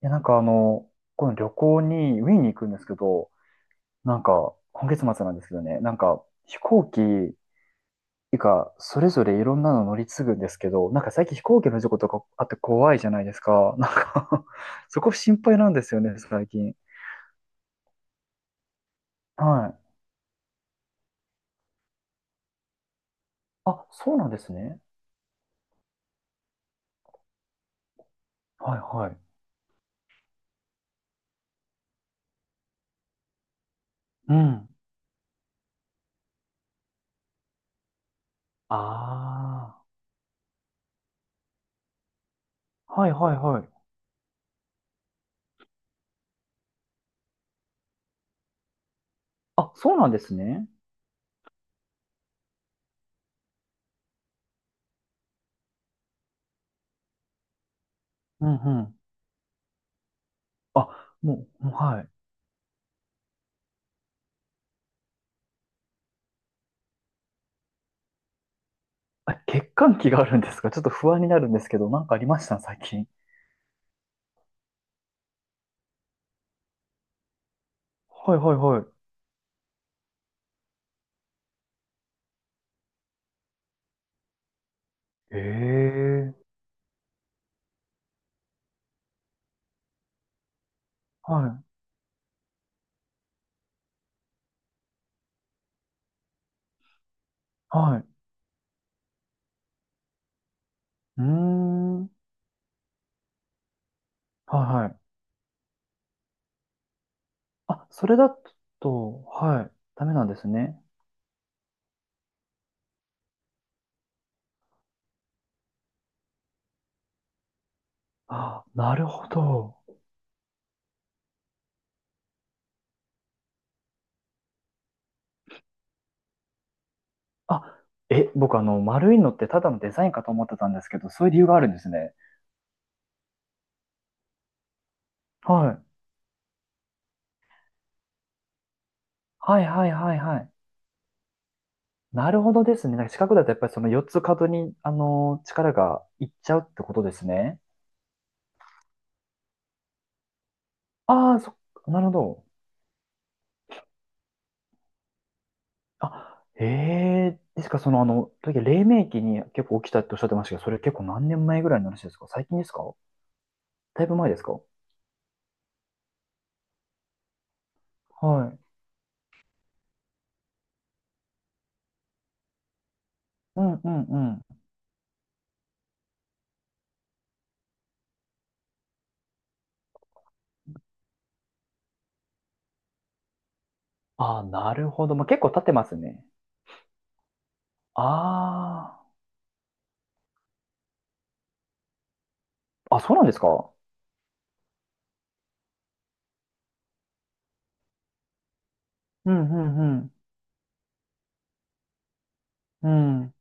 や、なんかあの、この旅行に、ウィーンに行くんですけど、今月末なんですけどね、飛行機がそれぞれいろんなの乗り継ぐんですけど、なんか最近飛行機の事故とかあって怖いじゃないですか。なんか そこ心配なんですよね、最近。はい。あ、そうなんですね。はいはい。うん。ああ、はいはいはい。あ、そうなんですね。うんうん。あ、もう、もうはい。あ、欠陥期があるんですか？ちょっと不安になるんですけど、なんかありました最近？はいはいはい。ええ、はい、はい。うーん、はいはい。あ、それだと、はい、ダメなんですね。あ、なるほど。あ、僕あの、丸いのってただのデザインかと思ってたんですけど、そういう理由があるんですね。はい。はいはいはいはい。なるほどですね。なんか四角だとやっぱりその四つ角に、あのー力がいっちゃうってことですね。ああ、そ、なるほど。あ、ええですか？その、あの、時々黎明期に結構起きたっておっしゃってましたけど、それ結構何年前ぐらいの話ですか？最近ですか？だいぶ前ですか？はい。うんうんうん。ああ、なるほど。まあ、結構経ってますね。ああ。あ、そうなんですか？うんうんうん。うん。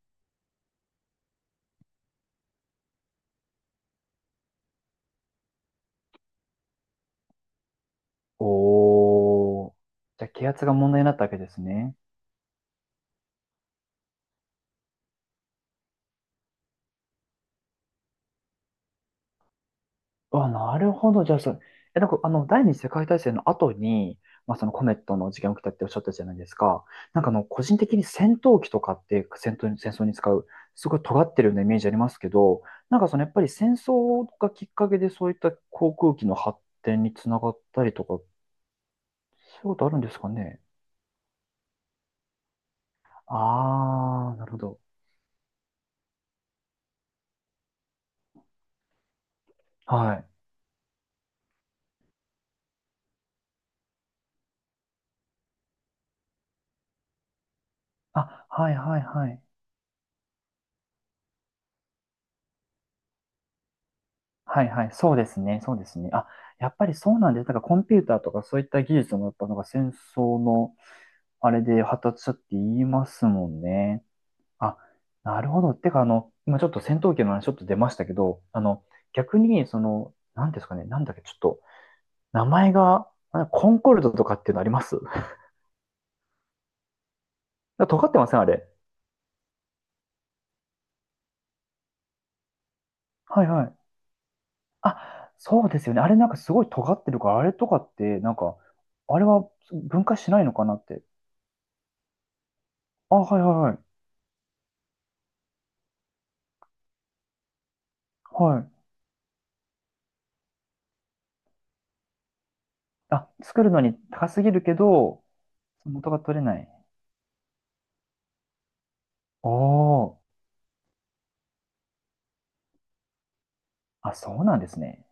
おー。じゃあ、気圧が問題になったわけですね。あ、なるほど。じゃあ、そう、え、なんか、あの、第二次世界大戦の後に、まあ、そのコメットの事件が起きたっておっしゃったじゃないですか。なんか、あの、個人的に戦闘機とかって戦闘に、戦争に使う、すごい尖ってるようなイメージありますけど、なんか、その、やっぱり戦争がきっかけで、そういった航空機の発展につながったりとか、そういうことあるんですかね。ああ、なるほど。はい。あ、はい、はい、はい。はいはい、そうですね、そうですね。あ、やっぱりそうなんです。だからコンピューターとかそういった技術もやっぱなんか戦争のあれで発達したって言いますもんね。あ、なるほど。てかあの、今ちょっと戦闘機の話ちょっと出ましたけど、あの、逆にその、なんですかね、なんだっけ、ちょっと、名前が、あコンコルドとかっていうのあります？ 尖ってません、あれ。はいはい。あ、そうですよね。あれなんかすごい尖ってるから、あれとかって、なんか、あれは分解しないのかなって。あ、はいはいはい。はい。あ、作るのに高すぎるけど、元が取れない。おー。あ、そうなんですね。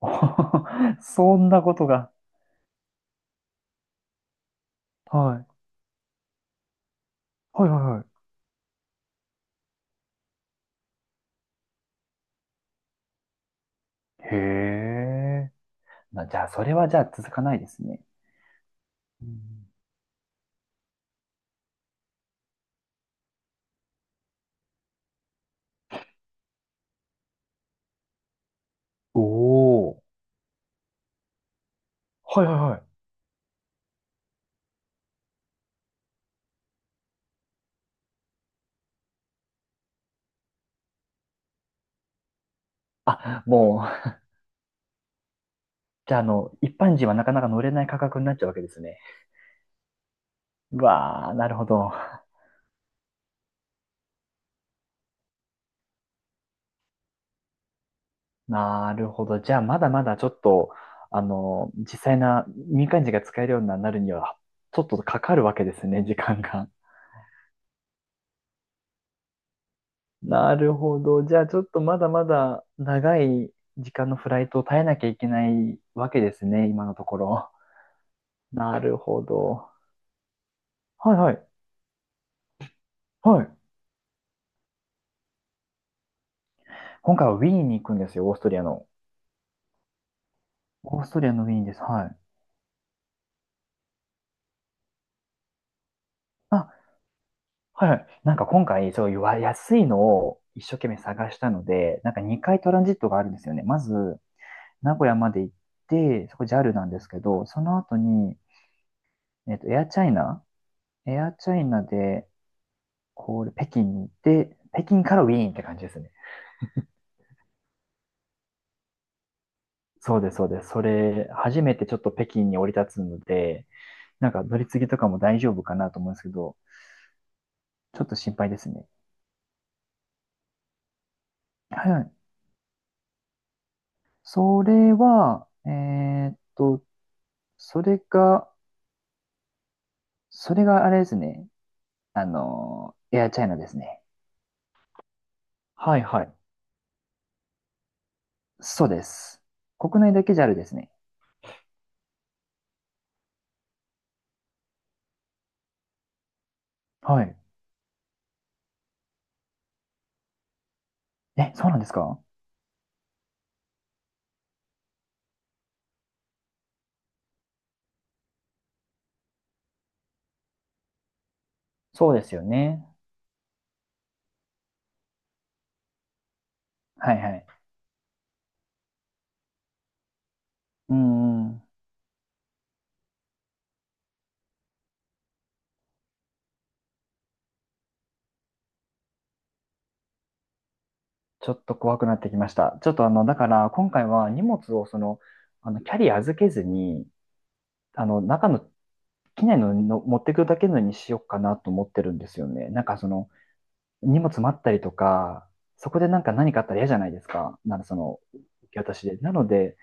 おー そんなことが。はい。はいはいはい。へえ。まあ、じゃあ、それはじゃあ続かないですね。うん。おー。はいはいはい。あ、もう、じゃあ、あの、一般人はなかなか乗れない価格になっちゃうわけですね。うわー、なるほど。なるほど。じゃあ、まだまだちょっと、あの、実際な民間人が使えるようになるには、ちょっとかかるわけですね、時間が。なるほど。じゃあ、ちょっとまだまだ長い時間のフライトを耐えなきゃいけないわけですね、今のところ。なるほど。はいはい。はい。今回はウィーンに行くんですよ、オーストリアの。オーストリアのウィーンです。はい。あ、はいはい。なんか今回、そういうわ安いのを一生懸命探したので、なんか2回トランジットがあるんですよね。まず、名古屋まで行って、そこ JAL なんですけど、その後に、えっと、エアチャイナで、こう北京に行って、北京からウィーンって感じですね。そうです、そうです。それ、初めてちょっと北京に降り立つので、なんか乗り継ぎとかも大丈夫かなと思うんですけど、ちょっと心配ですね。はい。それは、えーっと、それが、それがあれですね。あの、エアチャイナですね。はいはい。そうです。国内だけ JAL ですね。はい。え、そうなんですか？そうですよね。はいはい。うん。ちょっと怖くなってきました。ちょっとあの、だから今回は荷物をその、あの、キャリー預けずに、あの、中の、機内のの持ってくるだけのにしようかなと思ってるんですよね。なんかその、荷物待ったりとか、そこでなんか何かあったら嫌じゃないですか。なんかその、受け渡しで。なので、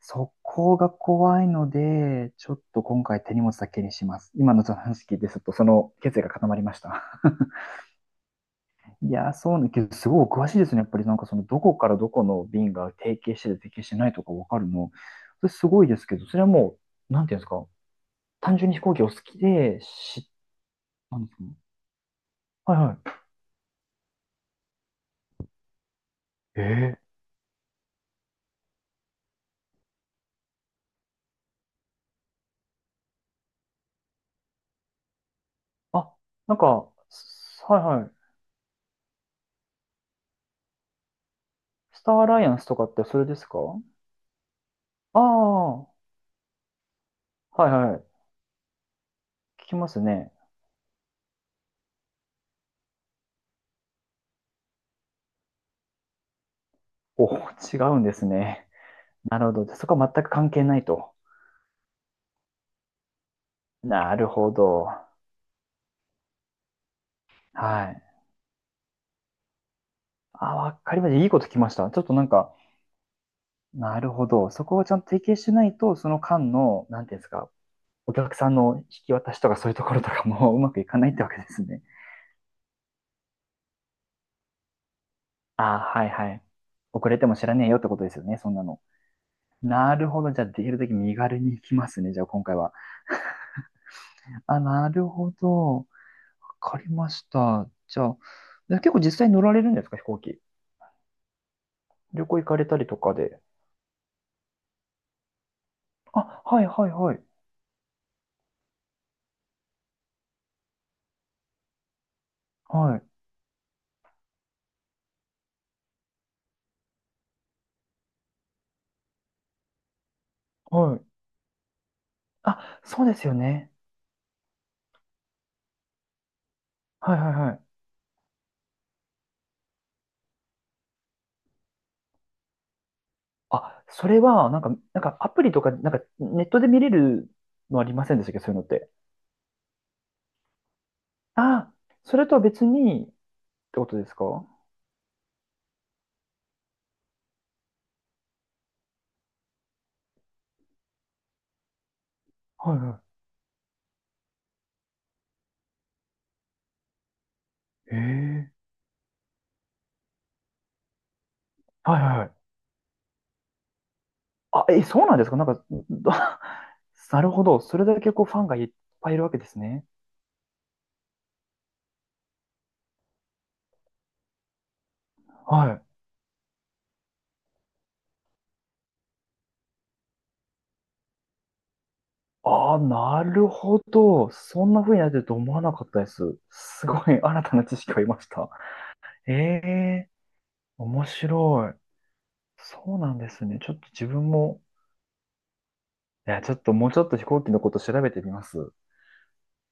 そこが怖いので、ちょっと今回手荷物だけにします。今のその話聞いて、ちょっとその決意が固まりました。いやー、そうね、けど、すごいお詳しいですね。やっぱりなんかその、どこからどこの便が提携してて提携してないとかわかるの。それすごいですけど、それはもう、なんていうんですか、単純に飛行機お好きで、し、なんですかね？はいはい。ええ。あ、なんか、すはいはい。スターアライアンスとかってそれですか？ああ、はいはい。聞きますね。お、違うんですね。なるほど。そこは全く関係ないと。なるほど。はい。あ、わかりました。いいこと聞きました。ちょっとなんか、なるほど。そこをちゃんと提携しないと、その間の、なんていうんですか、お客さんの引き渡しとかそういうところとかも うまくいかないってわけですね。ああ、はいはい。遅れても知らねえよってことですよね、そんなの。なるほど。じゃあ、できるだけ身軽に行きますね、じゃあ今回は。あ、なるほど。わかりました。じゃあ、で結構実際に乗られるんですか、飛行機。旅行行かれたりとかで。あ、はいはいはい。はい。はい。あ、そうですよね。はいはいはい。あ、それは、なんか、なんかアプリとか、なんかネットで見れるのありませんでしたっけ、そういうのって。あ、それとは別にってことですか？はいはい。ええ。はいはいはい。あ、え、そうなんですか？なんか、なるほど。それだけこうファンがいっぱいいるわけですね。はい。ああ、なるほど。そんな風になってると思わなかったです。すごい新たな知識を得ました。ええ。面白い。そうなんですね。ちょっと自分も、いや、ちょっともうちょっと飛行機のこと調べてみます。